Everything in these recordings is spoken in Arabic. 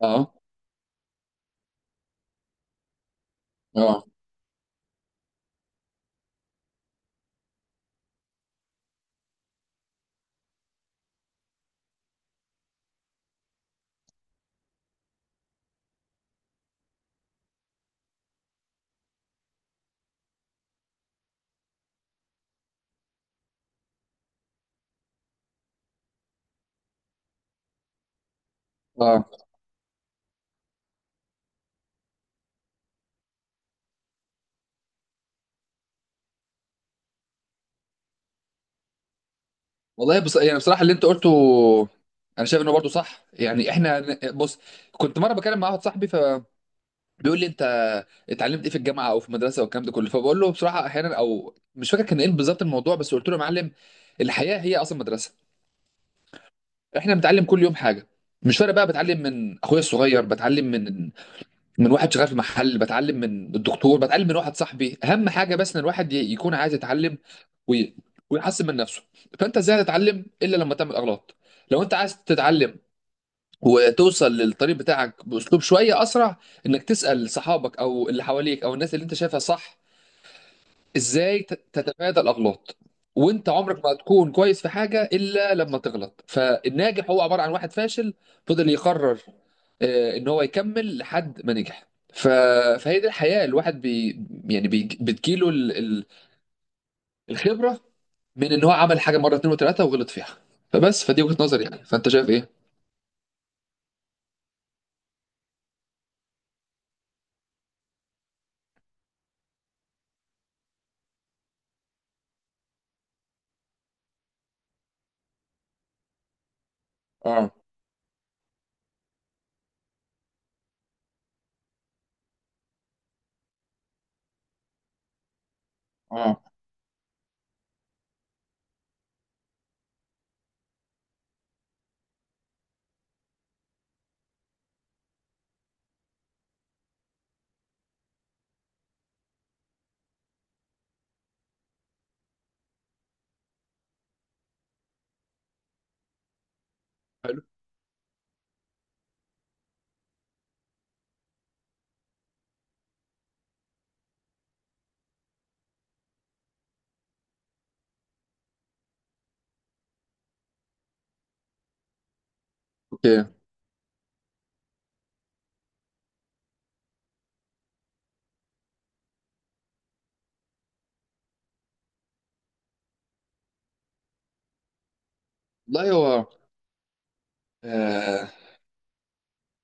اه اه اه، والله بص، يعني بصراحه اللي انت قلته انا شايف انه برضه صح. يعني احنا، بص، كنت مره بكلم مع واحد صاحبي فبيقول لي: انت اتعلمت ايه في الجامعه او في المدرسه والكلام ده كله؟ فبقول له بصراحه احيانا، او مش فاكر كان ايه بالظبط الموضوع، بس قلت له: يا معلم، الحياه هي اصلا مدرسه، احنا بنتعلم كل يوم حاجه. مش فارق بقى، بتعلم من اخويا الصغير، بتعلم من واحد شغال في محل، بتعلم من الدكتور، بتعلم من واحد صاحبي. اهم حاجه بس ان الواحد يكون عايز يتعلم وي... ويحسن من نفسه. فانت ازاي هتتعلم الا لما تعمل اغلاط؟ لو انت عايز تتعلم وتوصل للطريق بتاعك باسلوب شويه اسرع، انك تسال صحابك او اللي حواليك او الناس اللي انت شايفها صح ازاي تتفادى الاغلاط. وانت عمرك ما هتكون كويس في حاجه الا لما تغلط، فالناجح هو عباره عن واحد فاشل فضل يقرر ان هو يكمل لحد ما نجح. ف... فهي دي الحياه، الواحد بتجيله الخبره من ان هو عمل حاجه مره اتنين وتلاته وغلط فيها. فبس، فدي وجهه نظري، يعني فانت شايف ايه؟ اه اه، حلو، اوكي. والله هو آه،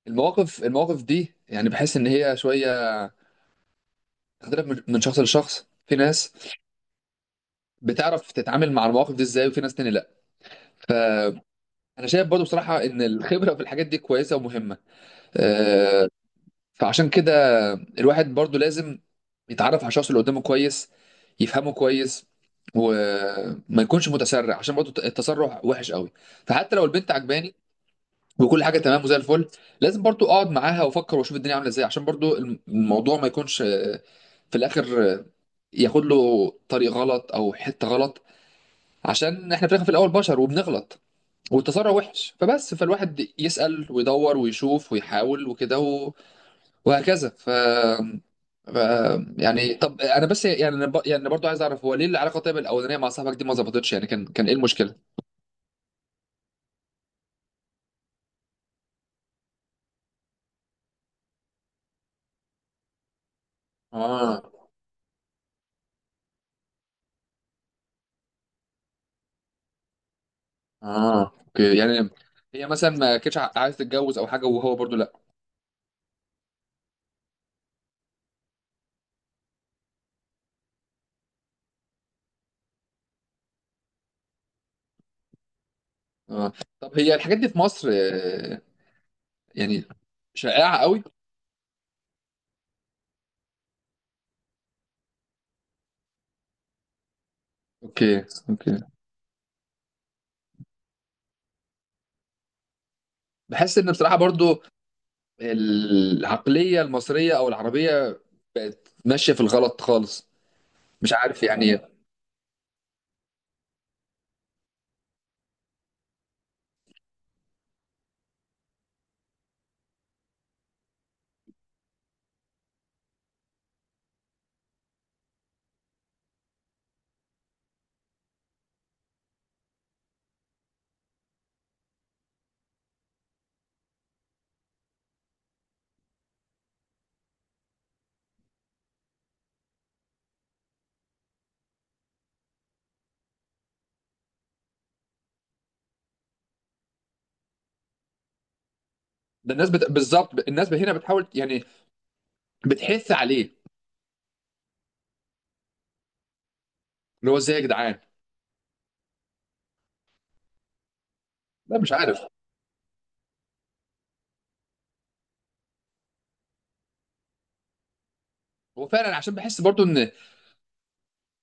المواقف دي يعني بحس ان هي شويه تختلف من شخص لشخص. في ناس بتعرف تتعامل مع المواقف دي ازاي، وفي ناس تاني لا. فانا شايف برضو بصراحه ان الخبره في الحاجات دي كويسه ومهمه آه، فعشان كده الواحد برضو لازم يتعرف على الشخص اللي قدامه كويس، يفهمه كويس، وما يكونش متسرع، عشان برضو التسرع وحش قوي. فحتى لو البنت عجباني وكل حاجه تمام وزي الفل، لازم برضو اقعد معاها وافكر واشوف الدنيا عامله ازاي، عشان برضو الموضوع ما يكونش في الاخر ياخد له طريق غلط او حته غلط. عشان احنا في الاخر في الاول بشر وبنغلط، والتسرع وحش. فبس، فالواحد يسأل ويدور ويشوف ويحاول وكده وهكذا ف... ف يعني طب انا بس، يعني يعني برضو عايز اعرف، هو ليه العلاقه طيب الاولانيه مع صاحبك دي ما ظبطتش؟ يعني كان ايه المشكله؟ اه اه، اوكي. يعني هي مثلا ما كانتش عايز تتجوز او حاجه، وهو برضو لا؟ اه. طب هي الحاجات دي في مصر يعني شائعه قوي؟ اوكي، اوكي. بحس ان بصراحه برضو العقلية المصرية أو العربية بقت ماشية في الغلط خالص، مش عارف يعني إيه. ده الناس بالظبط الناس هنا بتحاول، يعني بتحث عليه، اللي هو ازاي يا جدعان؟ لا مش عارف. هو فعلا، عشان بحس برضو ان،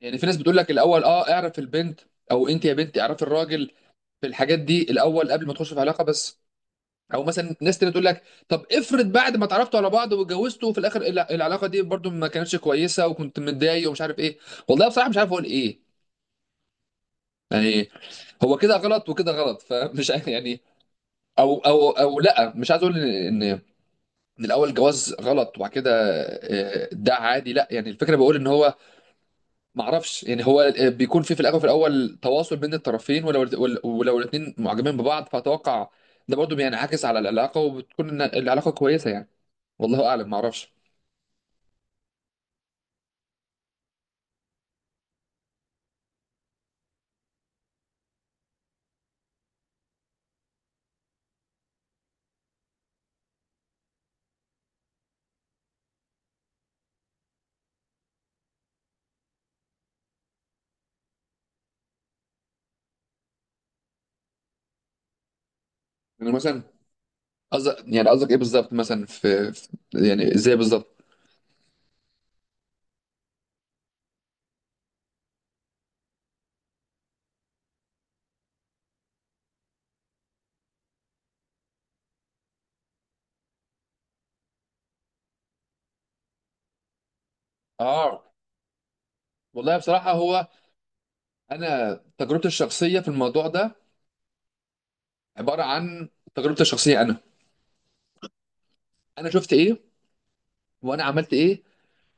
يعني في ناس بتقول لك: الاول اه اعرف البنت، او انت يا بنتي اعرفي الراجل في الحاجات دي الاول قبل ما تخش في علاقة. بس، او مثلا ناس تانية تقول لك: طب افرض بعد ما اتعرفتوا على بعض واتجوزتوا، وفي الاخر العلاقة دي برضو ما كانتش كويسة، وكنت متضايق، ومش عارف ايه؟ والله بصراحة مش عارف اقول ايه. يعني هو كده غلط وكده غلط، فمش عارف يعني. او لا، مش عايز اقول ان من الاول جواز غلط، وبعد كده ده عادي لا. يعني الفكره بقول ان هو، ما اعرفش يعني، هو بيكون في الاول تواصل بين الطرفين، ولو ولو الاثنين معجبين ببعض فاتوقع ده برضه بينعكس على العلاقه، وبتكون إن العلاقه كويسه يعني. والله اعلم، ما اعرفش. يعني مثلا، قصدك ايه بالظبط؟ مثلا في يعني ازاي بالظبط؟ اه، والله بصراحه هو، انا تجربتي الشخصيه في الموضوع ده عباره عن تجربتي الشخصيه، انا شفت ايه وانا عملت ايه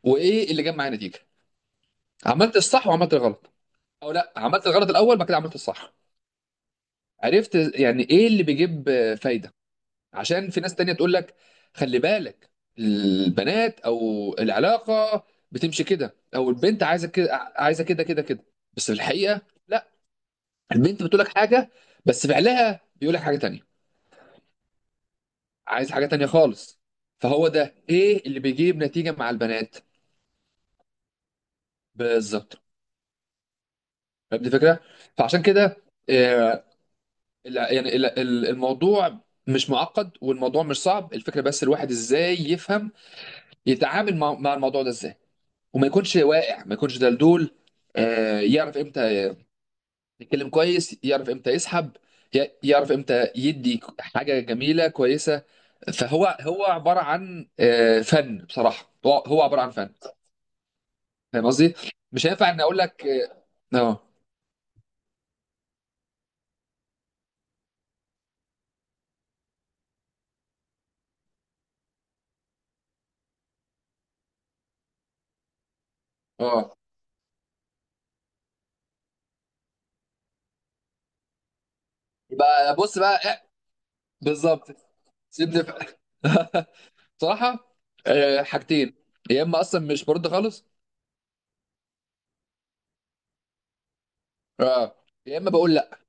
وايه اللي جاب معايا نتيجه. عملت الصح وعملت الغلط، او لا، عملت الغلط الاول بعد كده عملت الصح. عرفت يعني ايه اللي بيجيب فايده. عشان في ناس تانية تقول لك: خلي بالك، البنات او العلاقه بتمشي كده، او البنت عايزه كده، عايزه كده كده كده. بس في الحقيقه لا، البنت بتقول لك حاجه بس فعلها بيقول لك حاجه تانية، عايز حاجه تانية خالص. فهو ده ايه اللي بيجيب نتيجه مع البنات، بالظبط. فهمت الفكره. فعشان كده آه، الموضوع مش معقد، والموضوع مش صعب. الفكره بس الواحد ازاي يفهم، يتعامل مع الموضوع ده ازاي، وما يكونش واقع، ما يكونش دلدول يعرف امتى يتكلم كويس، يعرف امتى يسحب، يعرف امتى يدي حاجه جميله كويسه. فهو، هو عباره عن فن. بصراحه هو هو عباره عن فن. فاهم قصدي؟ مش هينفع ان اقول لك اه اه آه، يبقى بص بقى إيه، بالظبط. سيبني في صراحه حاجتين: يا اما اصلا مش برد خالص، اه، يا اما بقول لا،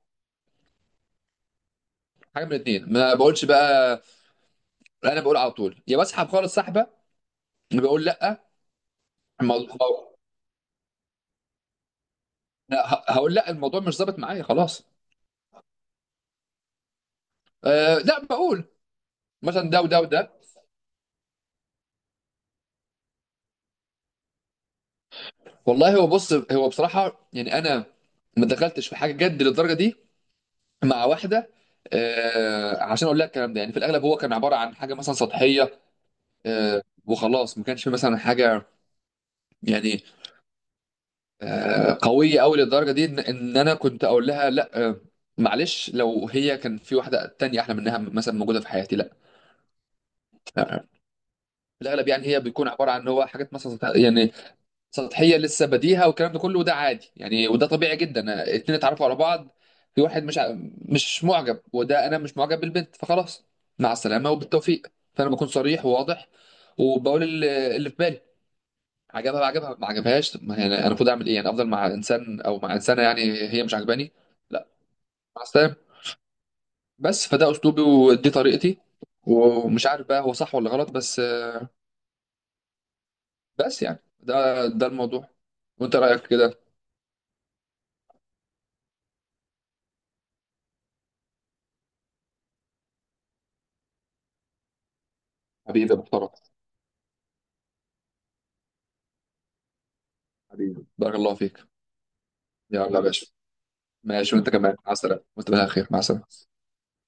حاجه من الاثنين. ما بقولش بقى انا، بقول على طول يا بسحب خالص سحبه، بقول لا الموضوع، لا، هقول لا الموضوع مش ظابط معايا خلاص. لا بقول مثلا ده وده وده. والله هو، بص هو بصراحه يعني انا ما دخلتش في حاجه جد للدرجه دي مع واحده عشان اقول لها الكلام ده. يعني في الاغلب هو كان عباره عن حاجه مثلا سطحيه وخلاص. ما كانش في مثلا حاجه يعني قويه قوي للدرجه دي إن انا كنت اقول لها لا معلش، لو هي كان في واحده تانية احلى منها مثلا موجوده في حياتي، لا آه، الاغلب يعني هي بيكون عباره عن هو حاجات مثلا سطحيه لسه بديهه والكلام ده كله، وده عادي يعني، وده طبيعي جدا اتنين اتعرفوا على بعض، في واحد مش مش معجب، وده انا مش معجب بالبنت فخلاص، مع السلامه وبالتوفيق. فانا بكون صريح وواضح، وبقول اللي في بالي. عجبها بقى، عجبها ما عجبهاش، طب ما يعني انا المفروض اعمل ايه؟ يعني افضل مع انسان او مع انسانه يعني هي مش عجباني؟ لا، مع السلامه. بس فده اسلوبي ودي طريقتي، ومش عارف بقى هو صح ولا غلط. بس يعني ده الموضوع، وانت رايك كده. حبيبي يا محترم. حبيبي بارك الله فيك. يلا يا باشا. ماشي، وانت كمان مع السلامه، وانت بخير، مع السلامه.